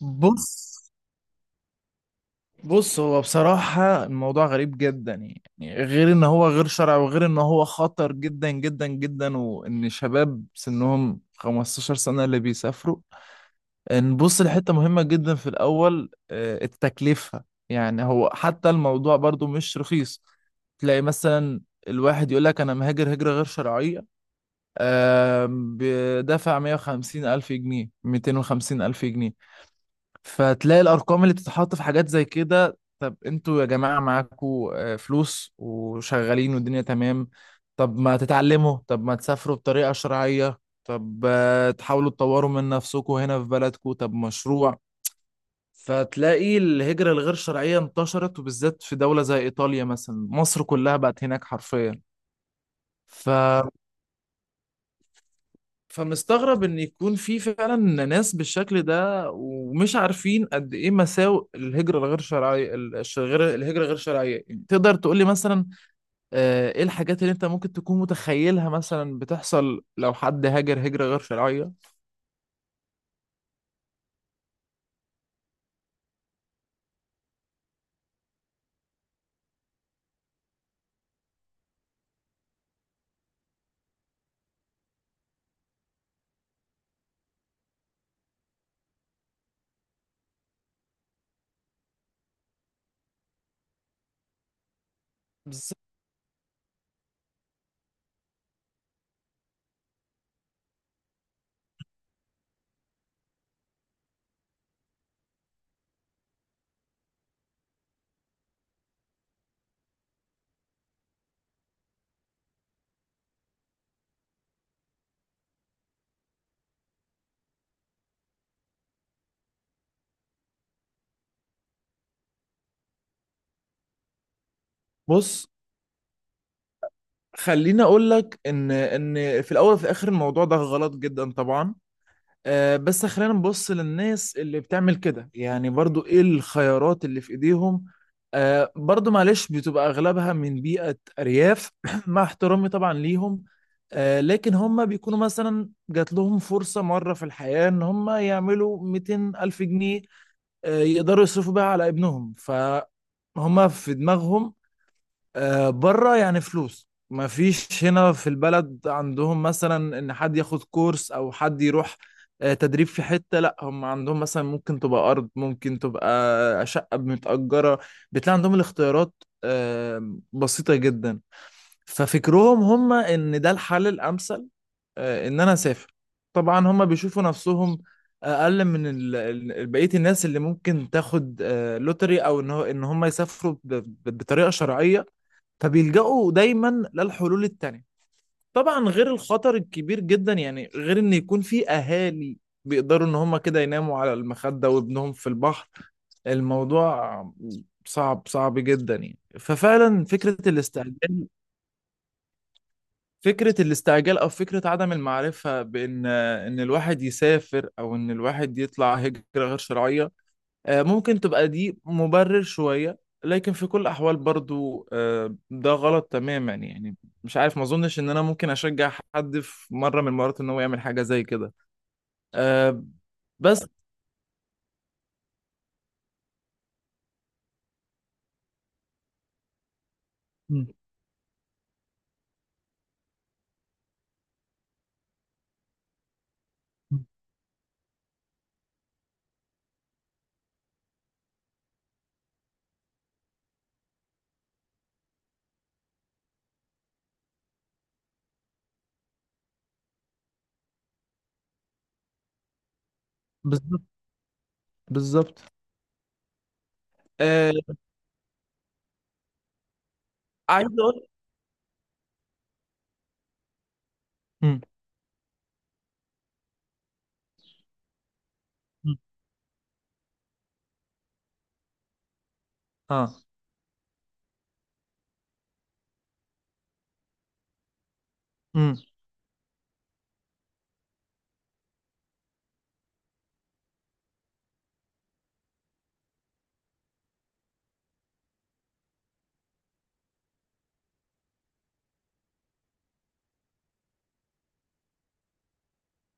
بص بص هو بصراحة الموضوع غريب جدا. يعني غير ان هو غير شرعي وغير ان هو خطر جدا جدا جدا وان شباب سنهم 15 سنة اللي بيسافروا. نبص لحتة مهمة جدا في الاول، التكلفة. يعني هو حتى الموضوع برضو مش رخيص. تلاقي مثلا الواحد يقول لك انا مهاجر هجرة غير شرعية. بدافع 150 الف جنيه، 250 الف جنيه. فتلاقي الارقام اللي بتتحط في حاجات زي كده. طب انتوا يا جماعه معاكوا فلوس وشغالين والدنيا تمام؟ طب ما تتعلموا؟ طب ما تسافروا بطريقه شرعيه؟ طب تحاولوا تطوروا من نفسكم هنا في بلدكم؟ طب مشروع؟ فتلاقي الهجرة الغير شرعية انتشرت، وبالذات في دولة زي إيطاليا، مثلا مصر كلها بقت هناك حرفيا. ف فمستغرب ان يكون في فعلا ناس بالشكل ده ومش عارفين قد ايه مساوئ الهجرة الغير شرعية. غير الهجرة غير شرعية. يعني تقدر تقول لي مثلا، ايه الحاجات اللي انت ممكن تكون متخيلها مثلا بتحصل لو حد هاجر هجرة غير شرعية؟ بالظبط. بص، خليني اقول لك ان في الاول وفي الاخر الموضوع ده غلط جدا طبعا. بس خلينا نبص للناس اللي بتعمل كده، يعني برضو ايه الخيارات اللي في ايديهم؟ برضو معلش بتبقى اغلبها من بيئة ارياف مع احترامي طبعا ليهم. لكن هم بيكونوا مثلا جات لهم فرصة مرة في الحياة ان هم يعملوا 200 الف جنيه. يقدروا يصرفوا بيها على ابنهم، فهم في دماغهم بره يعني فلوس، ما فيش هنا في البلد عندهم مثلا ان حد ياخد كورس او حد يروح تدريب في حتة. لا هم عندهم مثلا ممكن تبقى ارض، ممكن تبقى شقة متأجرة. بتلاقي عندهم الاختيارات بسيطة جدا. ففكرهم هم ان ده الحل الامثل، ان انا اسافر. طبعا هم بيشوفوا نفسهم اقل من بقية الناس اللي ممكن تاخد لوتري، او ان هم يسافروا بطريقة شرعية. فبيلجأوا دايما للحلول التانية. طبعا غير الخطر الكبير جدا، يعني غير ان يكون في اهالي بيقدروا ان هم كده يناموا على المخدة وابنهم في البحر. الموضوع صعب صعب جدا يعني. ففعلا فكرة الاستعجال، فكرة الاستعجال او فكرة عدم المعرفة، بان الواحد يسافر او ان الواحد يطلع هجرة غير شرعية، ممكن تبقى دي مبرر شوية. لكن في كل الأحوال برضو ده غلط تماما يعني. مش عارف، ما أظنش إن أنا ممكن أشجع حد في مرة من المرات إن هو يعمل حاجة زي كده. آه، بس. مم. بالظبط. بالظبط. آه، عايز أقول. مم. مم. آه. مم.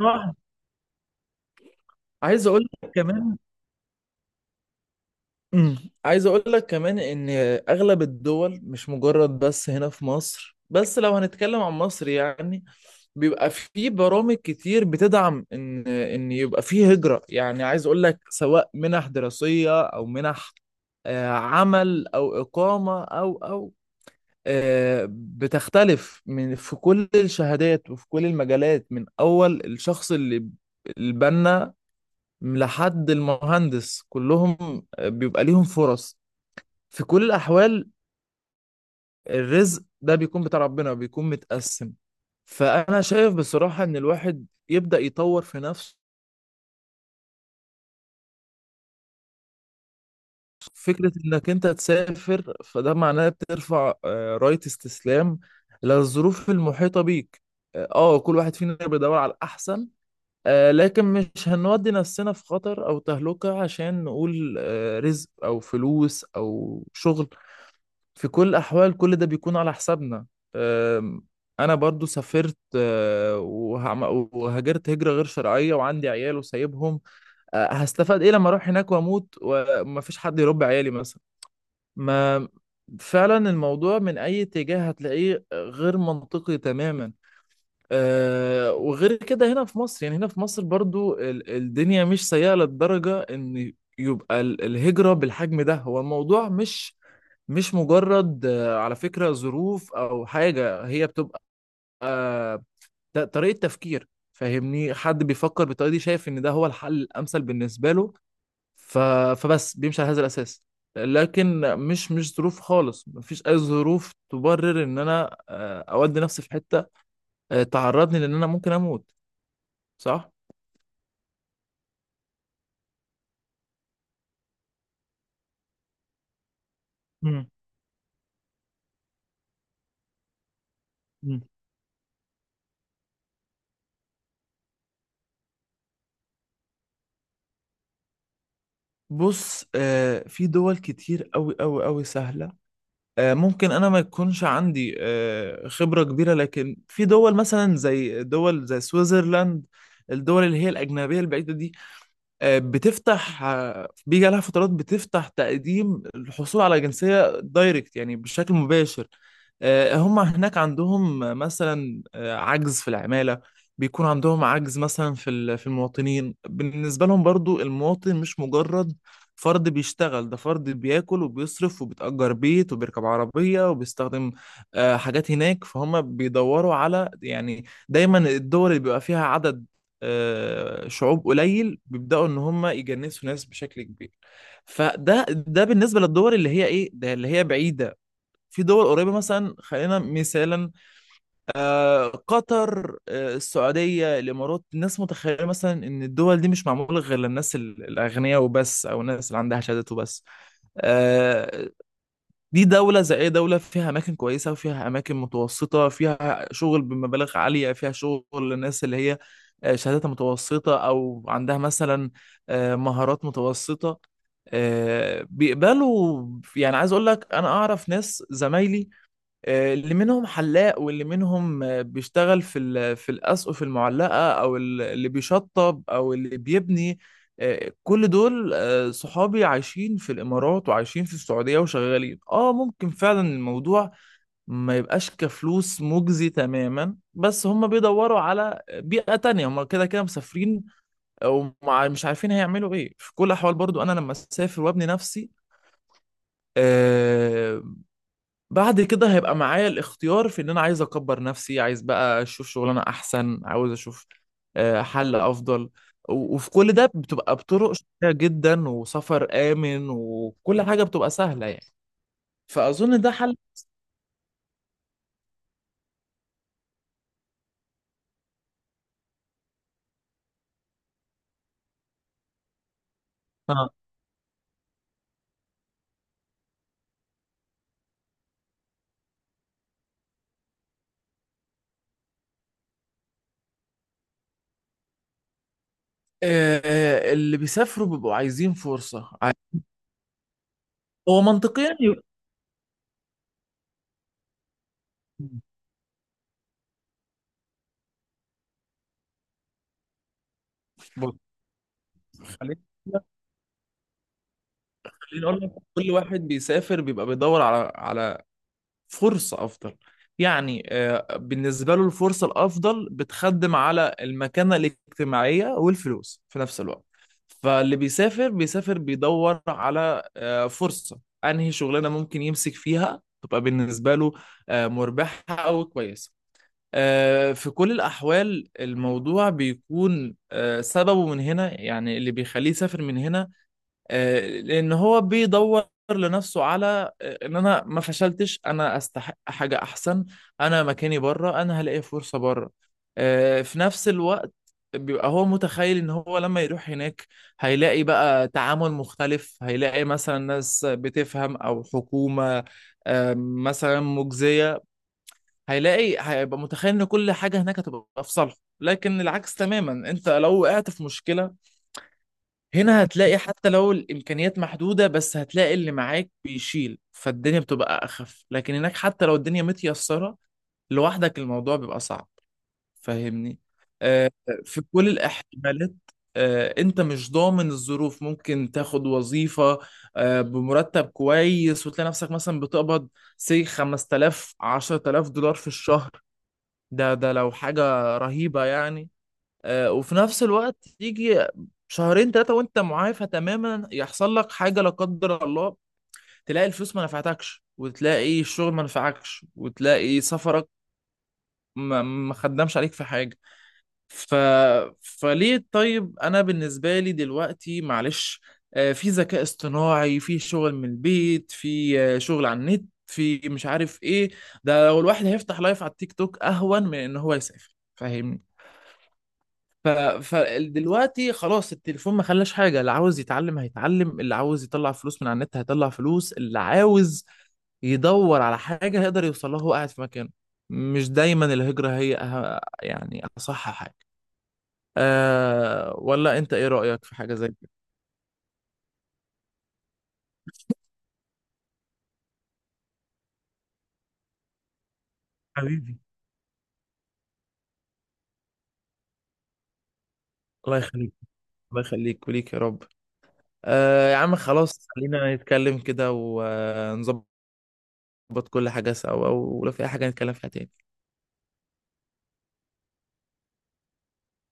آه، عايز أقول لك كمان. عايز اقول لك كمان ان اغلب الدول، مش مجرد بس هنا في مصر، بس لو هنتكلم عن مصر يعني بيبقى في برامج كتير بتدعم ان يبقى في هجرة. يعني عايز اقول لك سواء منح دراسية او منح عمل او اقامة او بتختلف من في كل الشهادات وفي كل المجالات، من اول الشخص اللي البنا لحد المهندس كلهم بيبقى ليهم فرص. في كل الأحوال الرزق ده بيكون بتاع ربنا، بيكون متقسم. فأنا شايف بصراحة إن الواحد يبدأ يطور في نفسه. فكرة إنك أنت تسافر، فده معناه بترفع راية استسلام للظروف المحيطة بيك. كل واحد فينا بيدور على الأحسن، لكن مش هنودي نفسنا في خطر أو تهلكة عشان نقول آه رزق أو فلوس أو شغل. في كل الأحوال كل ده بيكون على حسابنا. أم، أنا برضو سافرت، وهاجرت هجرة غير شرعية وعندي عيال وسايبهم. هستفاد إيه لما أروح هناك وأموت ومفيش حد يربي عيالي مثلا؟ ما فعلا الموضوع من أي اتجاه هتلاقيه غير منطقي تماما. وغير كده، هنا في مصر، يعني هنا في مصر برضو الدنيا مش سيئة للدرجة ان يبقى الهجرة بالحجم ده. هو الموضوع مش مجرد على فكرة ظروف او حاجة، هي بتبقى آه، طريقة تفكير. فاهمني؟ حد بيفكر بالطريقة دي شايف ان ده هو الحل الامثل بالنسبة له. ف... فبس بيمشي على هذا الاساس. لكن مش ظروف خالص، مفيش اي ظروف تبرر ان انا اودي نفسي في حتة تعرضني لان انا ممكن اموت. صح. مم. مم. بص، في دول كتير قوي قوي قوي سهلة. ممكن انا ما يكونش عندي خبرة كبيرة، لكن في دول مثلا زي دول زي سويسرلاند. الدول اللي هي الأجنبية البعيدة دي بتفتح، بيجي عليها فترات بتفتح تقديم الحصول على جنسية دايركت يعني بشكل مباشر. هم هناك عندهم مثلا عجز في العمالة. بيكون عندهم عجز مثلا في المواطنين. بالنسبة لهم برضو المواطن مش مجرد فرد بيشتغل، ده فرد بياكل وبيصرف وبيتأجر بيت وبيركب عربية وبيستخدم حاجات هناك. فهم بيدوروا على، يعني دايما الدول اللي بيبقى فيها عدد شعوب قليل بيبدأوا ان هم يجنسوا ناس بشكل كبير. فده ده بالنسبة للدول اللي هي ايه، ده اللي هي بعيدة. في دول قريبة مثلا، خلينا مثالا قطر، السعودية، الإمارات. الناس متخيلة مثلا إن الدول دي مش معمولة غير للناس الأغنياء وبس، أو الناس اللي عندها شهادات وبس. آه، دي دولة زي أي دولة، فيها أماكن كويسة وفيها أماكن متوسطة، فيها شغل بمبالغ عالية، فيها شغل للناس اللي هي شهاداتها متوسطة أو عندها مثلا مهارات متوسطة. بيقبلوا. يعني عايز أقول لك، أنا أعرف ناس زمايلي اللي منهم حلاق، واللي منهم بيشتغل في الأسقف المعلقة، أو اللي بيشطب أو اللي بيبني. كل دول صحابي عايشين في الإمارات وعايشين في السعودية وشغالين. ممكن فعلا الموضوع ما يبقاش كفلوس مجزي تماما، بس هم بيدوروا على بيئة تانية، هم كده كده مسافرين ومش عارفين هيعملوا إيه. في كل الأحوال برضو أنا لما أسافر وأبني نفسي آه، بعد كده هيبقى معايا الاختيار في ان انا عايز اكبر نفسي، عايز بقى اشوف شغلانه احسن، عاوز اشوف حل افضل. وفي كل ده بتبقى بطرق شيقة جدا وسفر امن وكل حاجه بتبقى سهله يعني. فاظن ده حل. اه. آه، اللي بيسافروا بيبقوا عايزين فرصه. هو منطقيا ي- بص، خليني خليني اقول لك، كل واحد بيسافر بيبقى بيدور على فرصة أفضل. يعني بالنسبة له الفرصة الأفضل بتخدم على المكانة الاجتماعية والفلوس في نفس الوقت. فاللي بيسافر، بيسافر بيدور على فرصة. أنهي شغلانة ممكن يمسك فيها تبقى بالنسبة له مربحة أو كويسة. في كل الأحوال الموضوع بيكون سببه من هنا، يعني اللي بيخليه يسافر من هنا، لان هو بيدور لنفسه على ان انا ما فشلتش، انا استحق حاجه احسن، انا مكاني بره، انا هلاقي فرصه بره. في نفس الوقت بيبقى هو متخيل ان هو لما يروح هناك هيلاقي بقى تعامل مختلف، هيلاقي مثلا ناس بتفهم او حكومه مثلا مجزيه. هيلاقي، هيبقى متخيل ان كل حاجه هناك هتبقى في صالحه، لكن العكس تماما. انت لو وقعت في مشكله هنا هتلاقي حتى لو الامكانيات محدوده، بس هتلاقي اللي معاك بيشيل، فالدنيا بتبقى اخف. لكن هناك حتى لو الدنيا متيسره، لوحدك الموضوع بيبقى صعب. فاهمني؟ آه، في كل الاحتمالات انت مش ضامن الظروف. ممكن تاخد وظيفه بمرتب كويس، وتلاقي نفسك مثلا بتقبض سي 5000، 10000 دولار في الشهر، ده لو حاجه رهيبه يعني. وفي نفس الوقت يجي شهرين ثلاثة وانت معافى تماما يحصل لك حاجة لا قدر الله، تلاقي الفلوس ما نفعتكش، وتلاقي الشغل ما نفعكش، وتلاقي سفرك ما خدمش عليك في حاجة. ف... فليه؟ طيب انا بالنسبة لي دلوقتي، معلش، في ذكاء اصطناعي، في شغل من البيت، في شغل على النت، في مش عارف ايه. ده لو الواحد هيفتح لايف على التيك توك اهون من ان هو يسافر. فاهمني؟ ف... فدلوقتي خلاص، التليفون ما خلاش حاجة، اللي عاوز يتعلم هيتعلم، اللي عاوز يطلع فلوس من على النت هيطلع فلوس، اللي عاوز يدور على حاجة هيقدر يوصل لها وهو قاعد في مكانه. مش دايما الهجرة هي يعني أصح حاجة. ولا أنت إيه رأيك في حاجة زي كده؟ حبيبي. الله يخليك. الله يخليك وليك يا رب. يا عم خلاص، خلينا نتكلم كده ونظبط كل حاجة سوا، ولو في أي حاجة نتكلم فيها تاني.